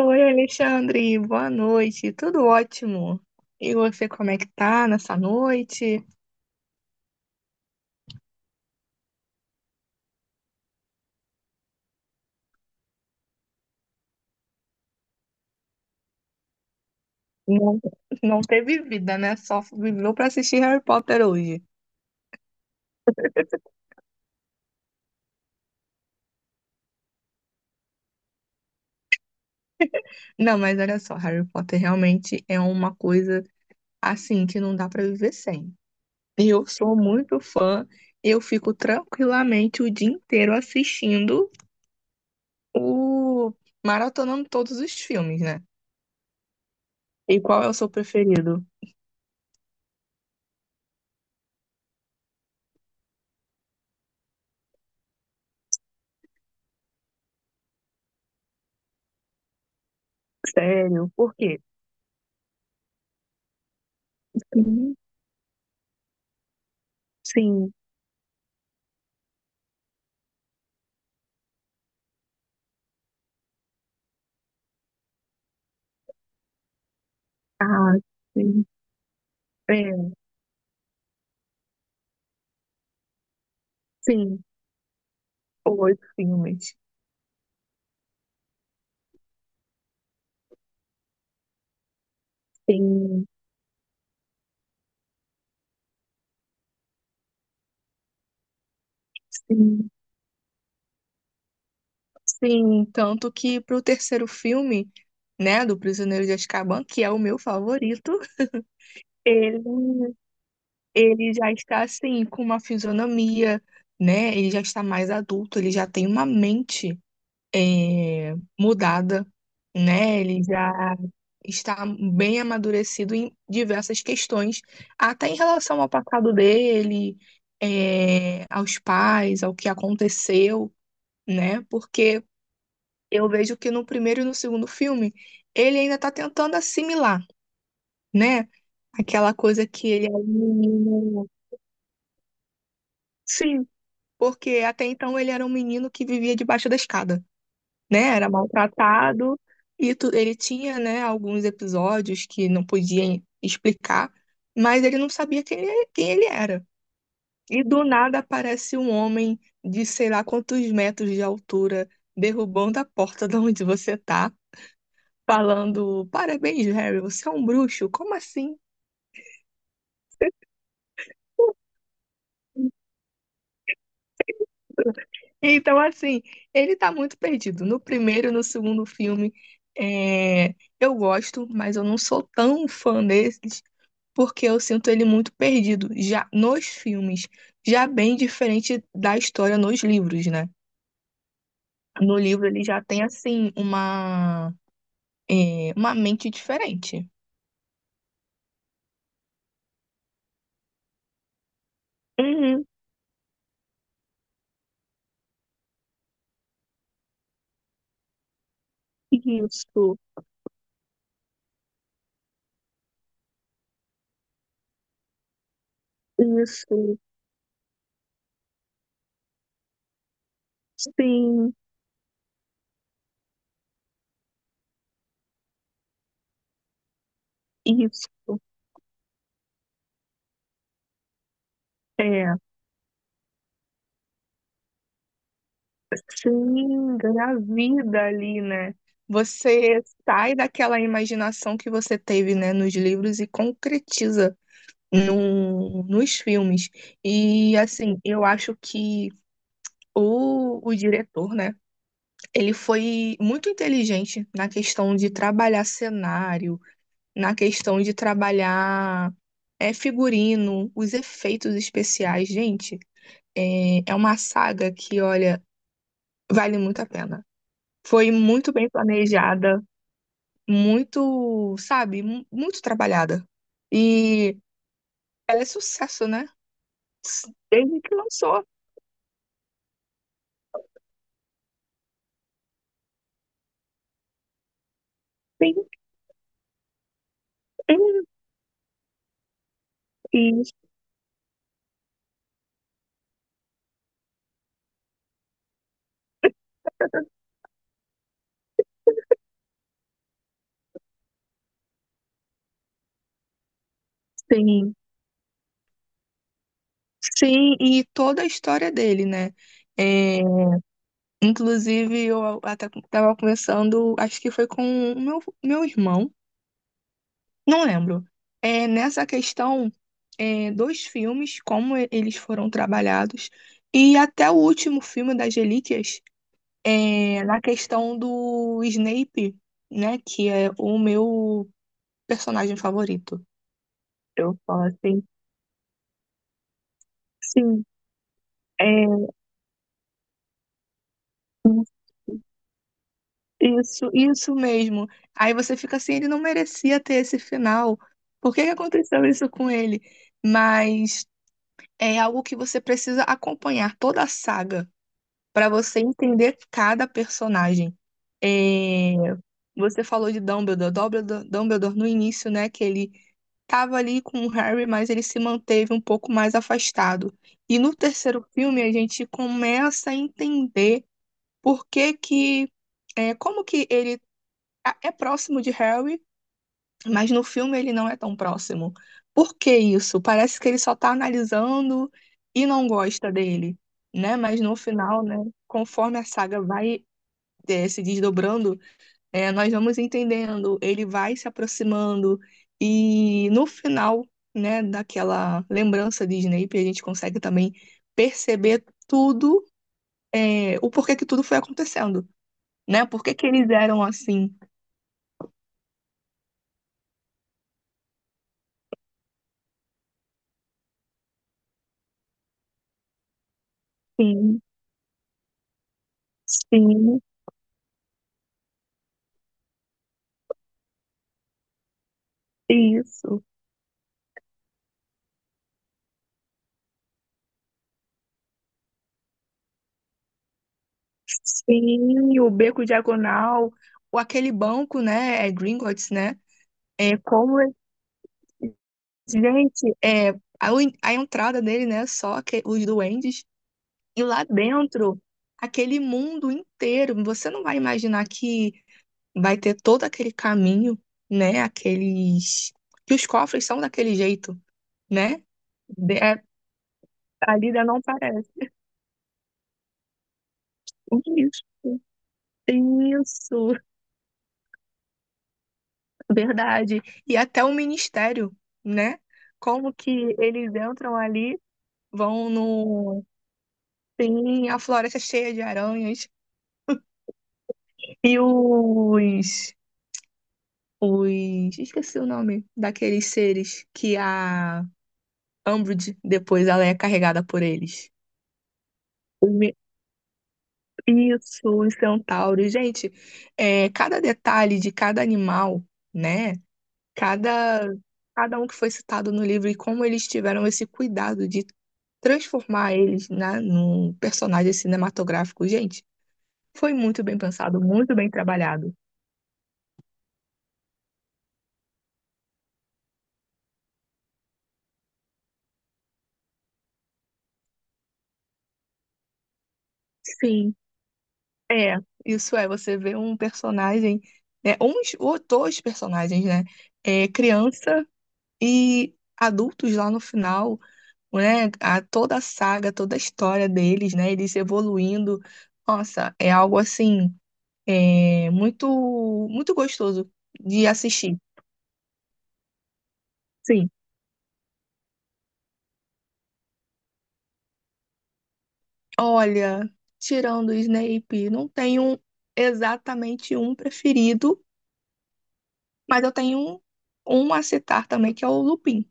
Oi, Alexandre, boa noite. Tudo ótimo. E você, como é que tá nessa noite? Não, não teve vida, né? Só viveu pra assistir Harry Potter hoje. Não, mas olha só, Harry Potter realmente é uma coisa assim que não dá pra viver sem. Eu sou muito fã, eu fico tranquilamente o dia inteiro assistindo o maratonando todos os filmes, né? E qual é o seu preferido? Sério? Por quê? Sim. Sim. Ah, sim. É, sim. Oito filmes. Sim, sim, sim. Tanto que pro terceiro filme, né, do Prisioneiro de Azkaban, que é o meu favorito, ele, ele já está, assim, com uma fisionomia, né? Ele já está mais adulto, ele já tem uma mente. é, Mudada, né? Ele já está bem amadurecido em diversas questões, até em relação ao passado dele, aos pais, ao que aconteceu, né? Porque eu vejo que no primeiro e no segundo filme ele ainda está tentando assimilar, né? Aquela coisa que ele é um menino. Sim, porque até então ele era um menino que vivia debaixo da escada. Né? Era maltratado e ele tinha, né, alguns episódios que não podia explicar, mas ele não sabia quem ele era. E do nada aparece um homem de sei lá quantos metros de altura derrubando a porta de onde você tá, falando: Parabéns, Harry, você é um bruxo, como assim? Então, assim, ele tá muito perdido. No primeiro e no segundo filme, eu gosto, mas eu não sou tão fã desses. Porque eu sinto ele muito perdido, já nos filmes, já bem diferente da história nos livros, né? No livro ele já tem, assim, uma mente diferente. Uhum, isso, isso, sim, isso. É, sim, engravida ali, né? Você sai daquela imaginação que você teve, né, nos livros e concretiza no, nos filmes. E assim, eu acho que o diretor, né? Ele foi muito inteligente na questão de trabalhar cenário, na questão de trabalhar figurino, os efeitos especiais. Gente, é uma saga que, olha, vale muito a pena. Foi muito bem planejada, muito, sabe, muito trabalhada. E ela é sucesso, né? Desde que lançou. Tem, tem, e tem. Sim, e toda a história dele, né? É, inclusive, eu até estava conversando, acho que foi com o meu irmão, não lembro. É, nessa questão, dos filmes, como eles foram trabalhados, e até o último filme das Relíquias, na questão do Snape, né? Que é o meu personagem favorito. Eu falo assim, sim. É, Isso, isso mesmo. Aí você fica assim, ele não merecia ter esse final. Por que que aconteceu isso com ele? Mas é algo que você precisa acompanhar toda a saga para você entender cada personagem. É, você falou de Dumbledore no início, né? Que ele estava ali com o Harry, mas ele se manteve um pouco mais afastado. E no terceiro filme a gente começa a entender por que que, é, como que ele é próximo de Harry, mas no filme ele não é tão próximo. Por que isso? Parece que ele só tá analisando e não gosta dele, né? Mas no final, né, conforme a saga vai se desdobrando, nós vamos entendendo, ele vai se aproximando e no final, né, daquela lembrança de Snape, a gente consegue também perceber tudo, o porquê que tudo foi acontecendo, né? Por que que eles eram assim? Sim, sim. Isso. Sim, o Beco Diagonal, o aquele banco, né? É Gringotts, né? É como. é- Gente, a, a entrada dele, né? Só que, os duendes. E lá dentro, aquele mundo inteiro. Você não vai imaginar que vai ter todo aquele caminho, né? Aqueles. Que os cofres são daquele jeito, né? De- é- a Lida não parece. Isso. Isso. Verdade. E até o ministério, né? Como que eles entram ali, vão no. sim, a floresta cheia de aranhas. E os. Os. Esqueci o nome daqueles seres que a Umbridge, depois ela é carregada por eles. Os me- Isso, os centauros. Gente, é, cada detalhe de cada animal, né? Cada, cada um que foi citado no livro e como eles tiveram esse cuidado de transformar eles, né, num personagem cinematográfico. Gente, foi muito bem pensado, muito bem trabalhado. Sim, é, isso é, você vê um personagem, né, uns ou dois personagens, né, criança e adultos lá no final, né, a, toda a saga, toda a história deles, né, eles evoluindo, nossa, é algo assim. É muito, muito gostoso de assistir. Sim. Olha, tirando o Snape, não tenho exatamente um preferido, mas eu tenho um a citar também, que é o Lupin.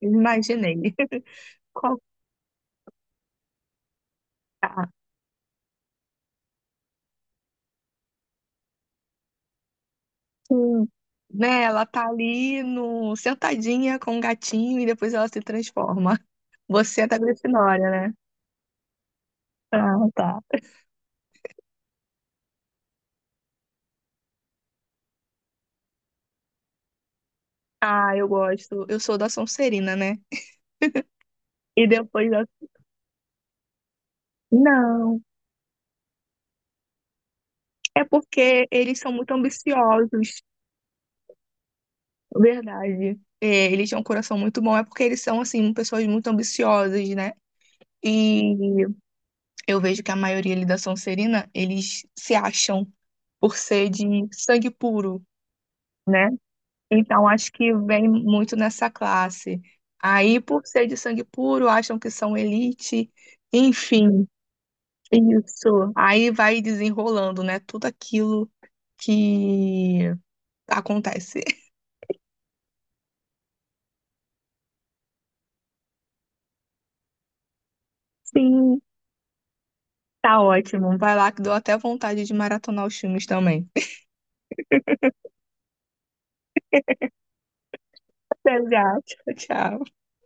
Imaginei. Qual tá? Sim. Né, ela tá ali no, sentadinha com o gatinho e depois ela se transforma. Você é da Grifinória, né? Ah, tá. Ah, eu gosto. Eu sou da Sonserina, né? E depois da... Não. É porque eles são muito ambiciosos, verdade. É, eles têm um coração muito bom, é porque eles são, assim, pessoas muito ambiciosas, né? E eu vejo que a maioria ali da Sonserina, eles se acham por ser de sangue puro, né? Então acho que vem muito nessa classe. Aí, por ser de sangue puro, acham que são elite, enfim, é isso. Aí vai desenrolando, né? Tudo aquilo que acontece. Sim, tá ótimo. Vai lá que deu até vontade de maratonar os filmes também. Exato. Tchau.